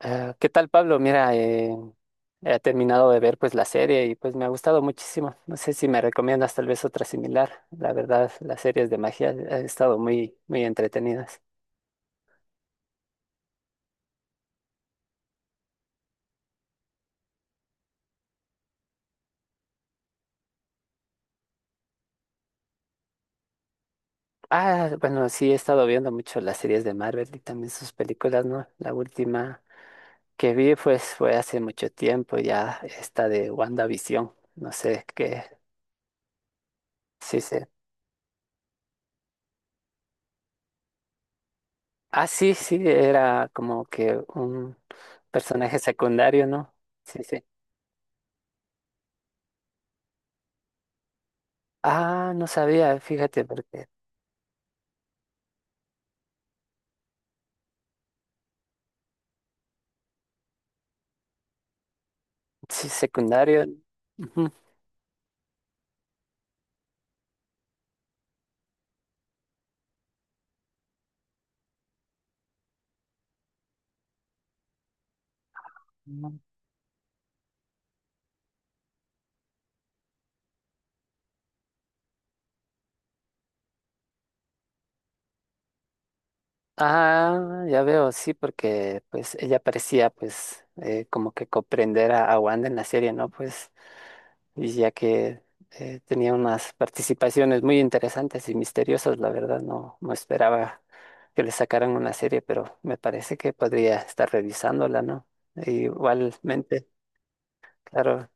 Ah, ¿qué tal, Pablo? Mira, he terminado de ver pues la serie y pues me ha gustado muchísimo. No sé si me recomiendas tal vez otra similar. La verdad, las series de magia han estado muy, muy entretenidas. Ah, bueno, sí, he estado viendo mucho las series de Marvel y también sus películas, ¿no? La última que vi pues fue hace mucho tiempo ya, esta de WandaVision. No sé qué, sí sé. Ah, sí, sí, era como que un personaje secundario, ¿no? Sí, sí. Ah, no sabía, fíjate, porque sí, secundario. Ujú. No. Ah, ya veo, sí, porque pues ella parecía pues como que comprender a Wanda en la serie, ¿no? Pues y ya que tenía unas participaciones muy interesantes y misteriosas, la verdad, no, no esperaba que le sacaran una serie, pero me parece que podría estar revisándola, ¿no? E igualmente, claro,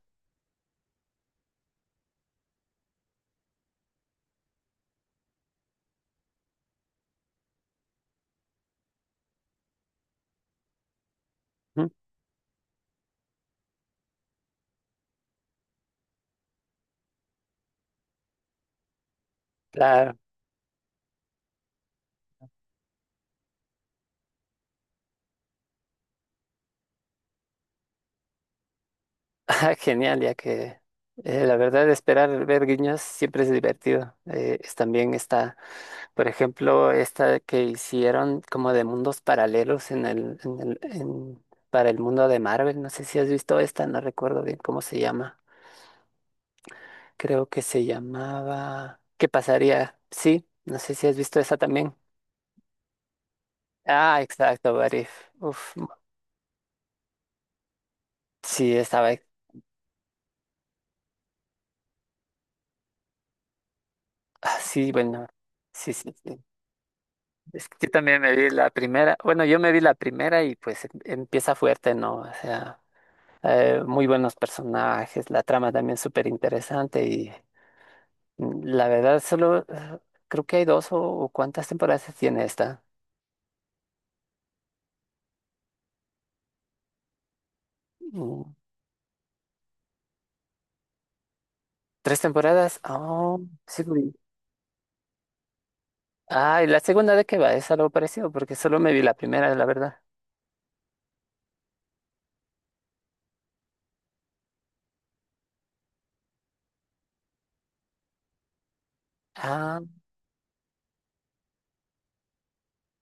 ujú, claro. Ah, genial, ya que la verdad esperar ver guiños siempre es divertido. También está, por ejemplo, esta que hicieron como de mundos paralelos para el mundo de Marvel. No sé si has visto esta, no recuerdo bien cómo se llama. Creo que se llamaba... ¿Qué pasaría? Sí, no sé si has visto esa también. Ah, exacto, What If. Uf, sí, estaba... Ah, sí, bueno, sí, sí, sí. Es que yo también me vi la primera, bueno, yo me vi la primera y pues empieza fuerte, ¿no? O sea, muy buenos personajes, la trama también súper interesante y mm, la verdad solo creo que hay dos o cuántas temporadas tiene esta. Mm. ¿Tres temporadas? Oh, sí. Lo Ah, ¿y la segunda de qué va? Es algo parecido porque solo me vi la primera, la verdad. Ah,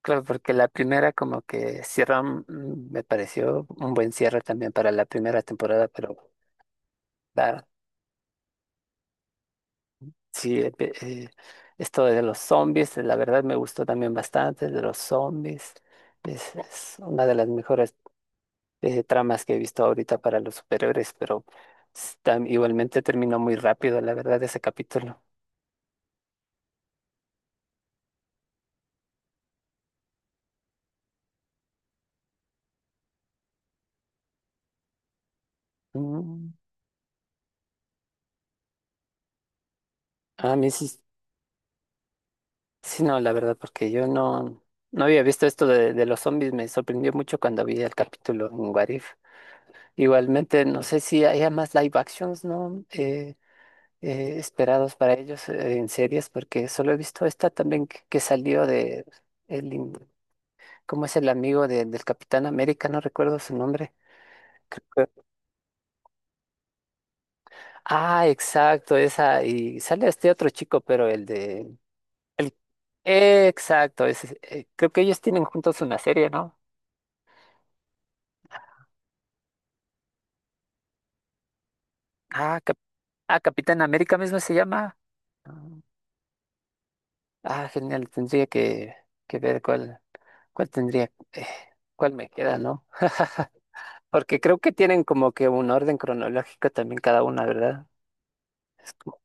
claro, porque la primera como que cierra, mm, me pareció un buen cierre también para la primera temporada, pero... claro. Sí, eh, pe- eh, esto de los zombies, la verdad me gustó también bastante, de los zombies. Es una de las mejores tramas que he visto ahorita para los superhéroes, pero igualmente terminó muy rápido, la verdad, ese capítulo. Mm. A mí sí, sí, no, la verdad, porque yo no, no había visto esto de los zombies, me sorprendió mucho cuando vi el capítulo en What If. Igualmente, no sé si haya más live actions, ¿no? Esperados para ellos en series, porque solo he visto esta también que salió de el, in- ¿cómo es el amigo del Capitán América? No recuerdo su nombre. Creo que- Ah, exacto, esa, y sale este otro chico, pero el de... Exacto, creo que ellos tienen juntos una serie, ¿no? Ah, Capitán América mismo se llama. Ah, ah, genial, que ver cuál tendría, cuál me queda, ¿no? Porque creo que tienen como que un orden cronológico también cada una, ¿verdad? Es como-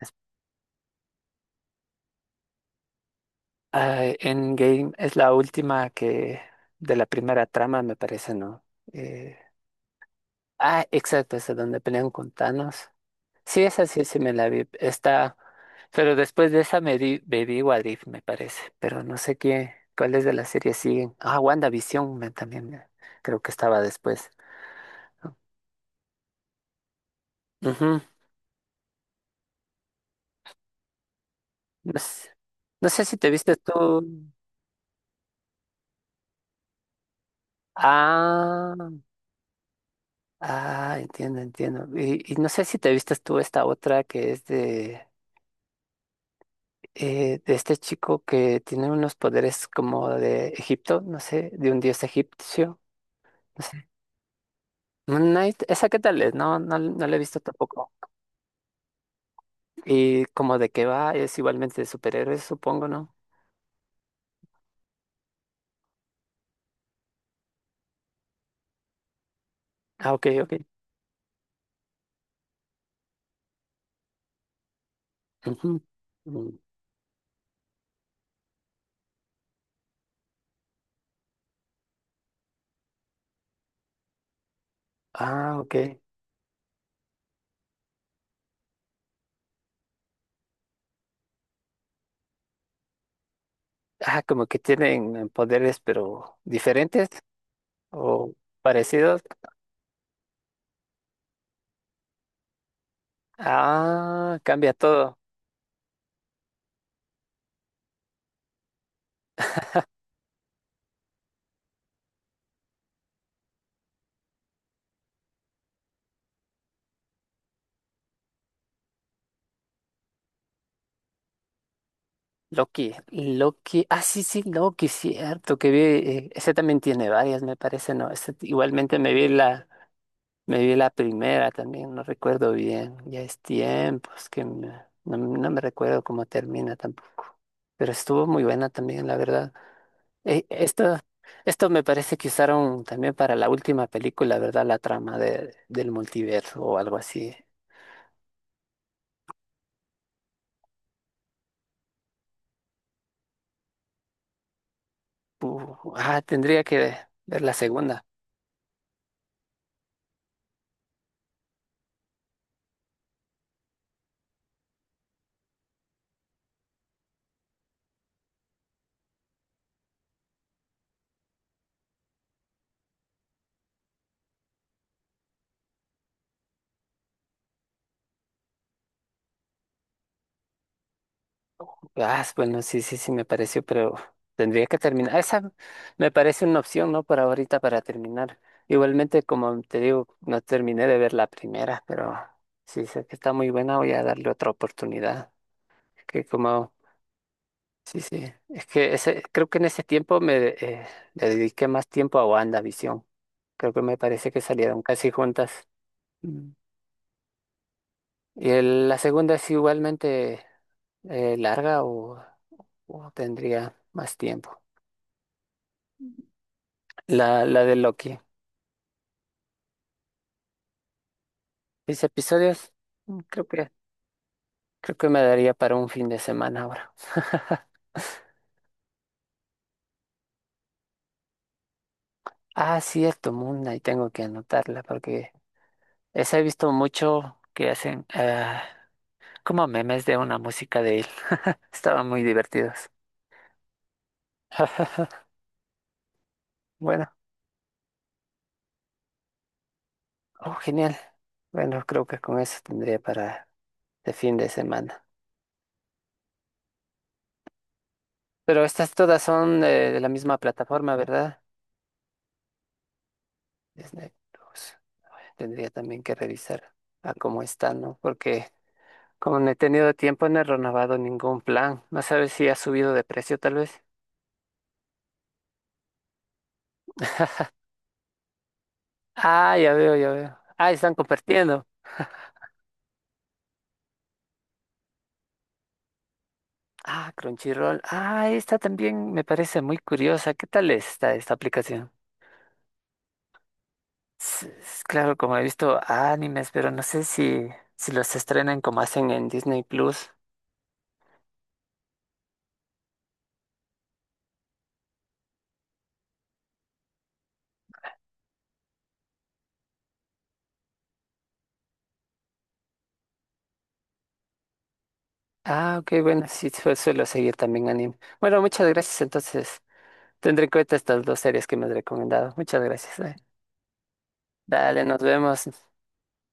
es- ah, Endgame es la última que de la primera trama, me parece, ¿no? Eh, ah, exacto, esa donde pelean con Thanos. Sí, esa sí, sí me la vi. Está, pero después de esa me vi What If, me parece. Pero no sé qué, cuáles de las series siguen. Ah, WandaVision me- también me- creo que estaba después. ¿No? Ujú. No sé, no sé si te viste tú. Ah. Ah, entiendo, entiendo. Y no sé si te vistes tú esta otra que es de este chico que tiene unos poderes como de Egipto, no sé, de un dios egipcio, no sé. Moon Knight, ¿esa qué tal es? No, no, no la he visto tampoco. Y como de qué va, es igualmente de superhéroes, supongo, ¿no? Ah, ok, ok. Ujú. Mm. Ah, ok. Ah, como que tienen poderes, pero diferentes o parecidos. Ah, cambia todo. Loki, Loki, ah, sí, sí, Loki, cierto, que vi, ese también tiene varias, me parece, ¿no? Igualmente me vi me vi la primera también, no recuerdo bien, ya es tiempo, es que no, no me recuerdo cómo termina tampoco, pero estuvo muy buena también, la verdad. Eh, esto, esto me parece que usaron también para la última película, ¿verdad? La trama de, del multiverso o algo así. Ah, tendría que ver la segunda. Ah, bueno, sí, sí, sí, me pareció, pero tendría que terminar. Esa me parece una opción, ¿no? Por ahorita para terminar. Igualmente, como te digo, no terminé de ver la primera, pero sí sé que está muy buena, voy a darle otra oportunidad. Que como, sí, sí, es que ese, creo que en ese tiempo me le dediqué más tiempo a WandaVision. Creo que me parece que salieron casi juntas. Mm. Y la segunda es igualmente larga o tendría más tiempo. La de Loki. Seis episodios. Mm. Creo que me daría para un fin de semana ahora. Ah, cierto, Moon Knight, tengo que anotarla porque esa he visto mucho que hacen como memes de una música de él. Estaban muy divertidos. Bueno, oh, genial. Bueno, creo que con eso tendría para de fin de semana. Pero estas todas son de la misma plataforma, ¿verdad? Disney Plus. Tendría también que revisar a cómo están, ¿no? Porque como no he tenido tiempo, no he renovado ningún plan. No sabes si ha subido de precio, tal vez. Ah, ya veo, ya veo. Ah, están compartiendo. Ah, Crunchyroll. Ah, esta también me parece muy curiosa. ¿Qué tal está esta aplicación? Claro, como he visto animes, pero no sé si, si los estrenan como hacen en Disney Plus. Ah, ok, bueno, sí, suelo seguir también anime. Bueno, muchas gracias. Entonces, tendré en cuenta estas dos series que me has recomendado. Muchas gracias, eh. Dale, nos vemos.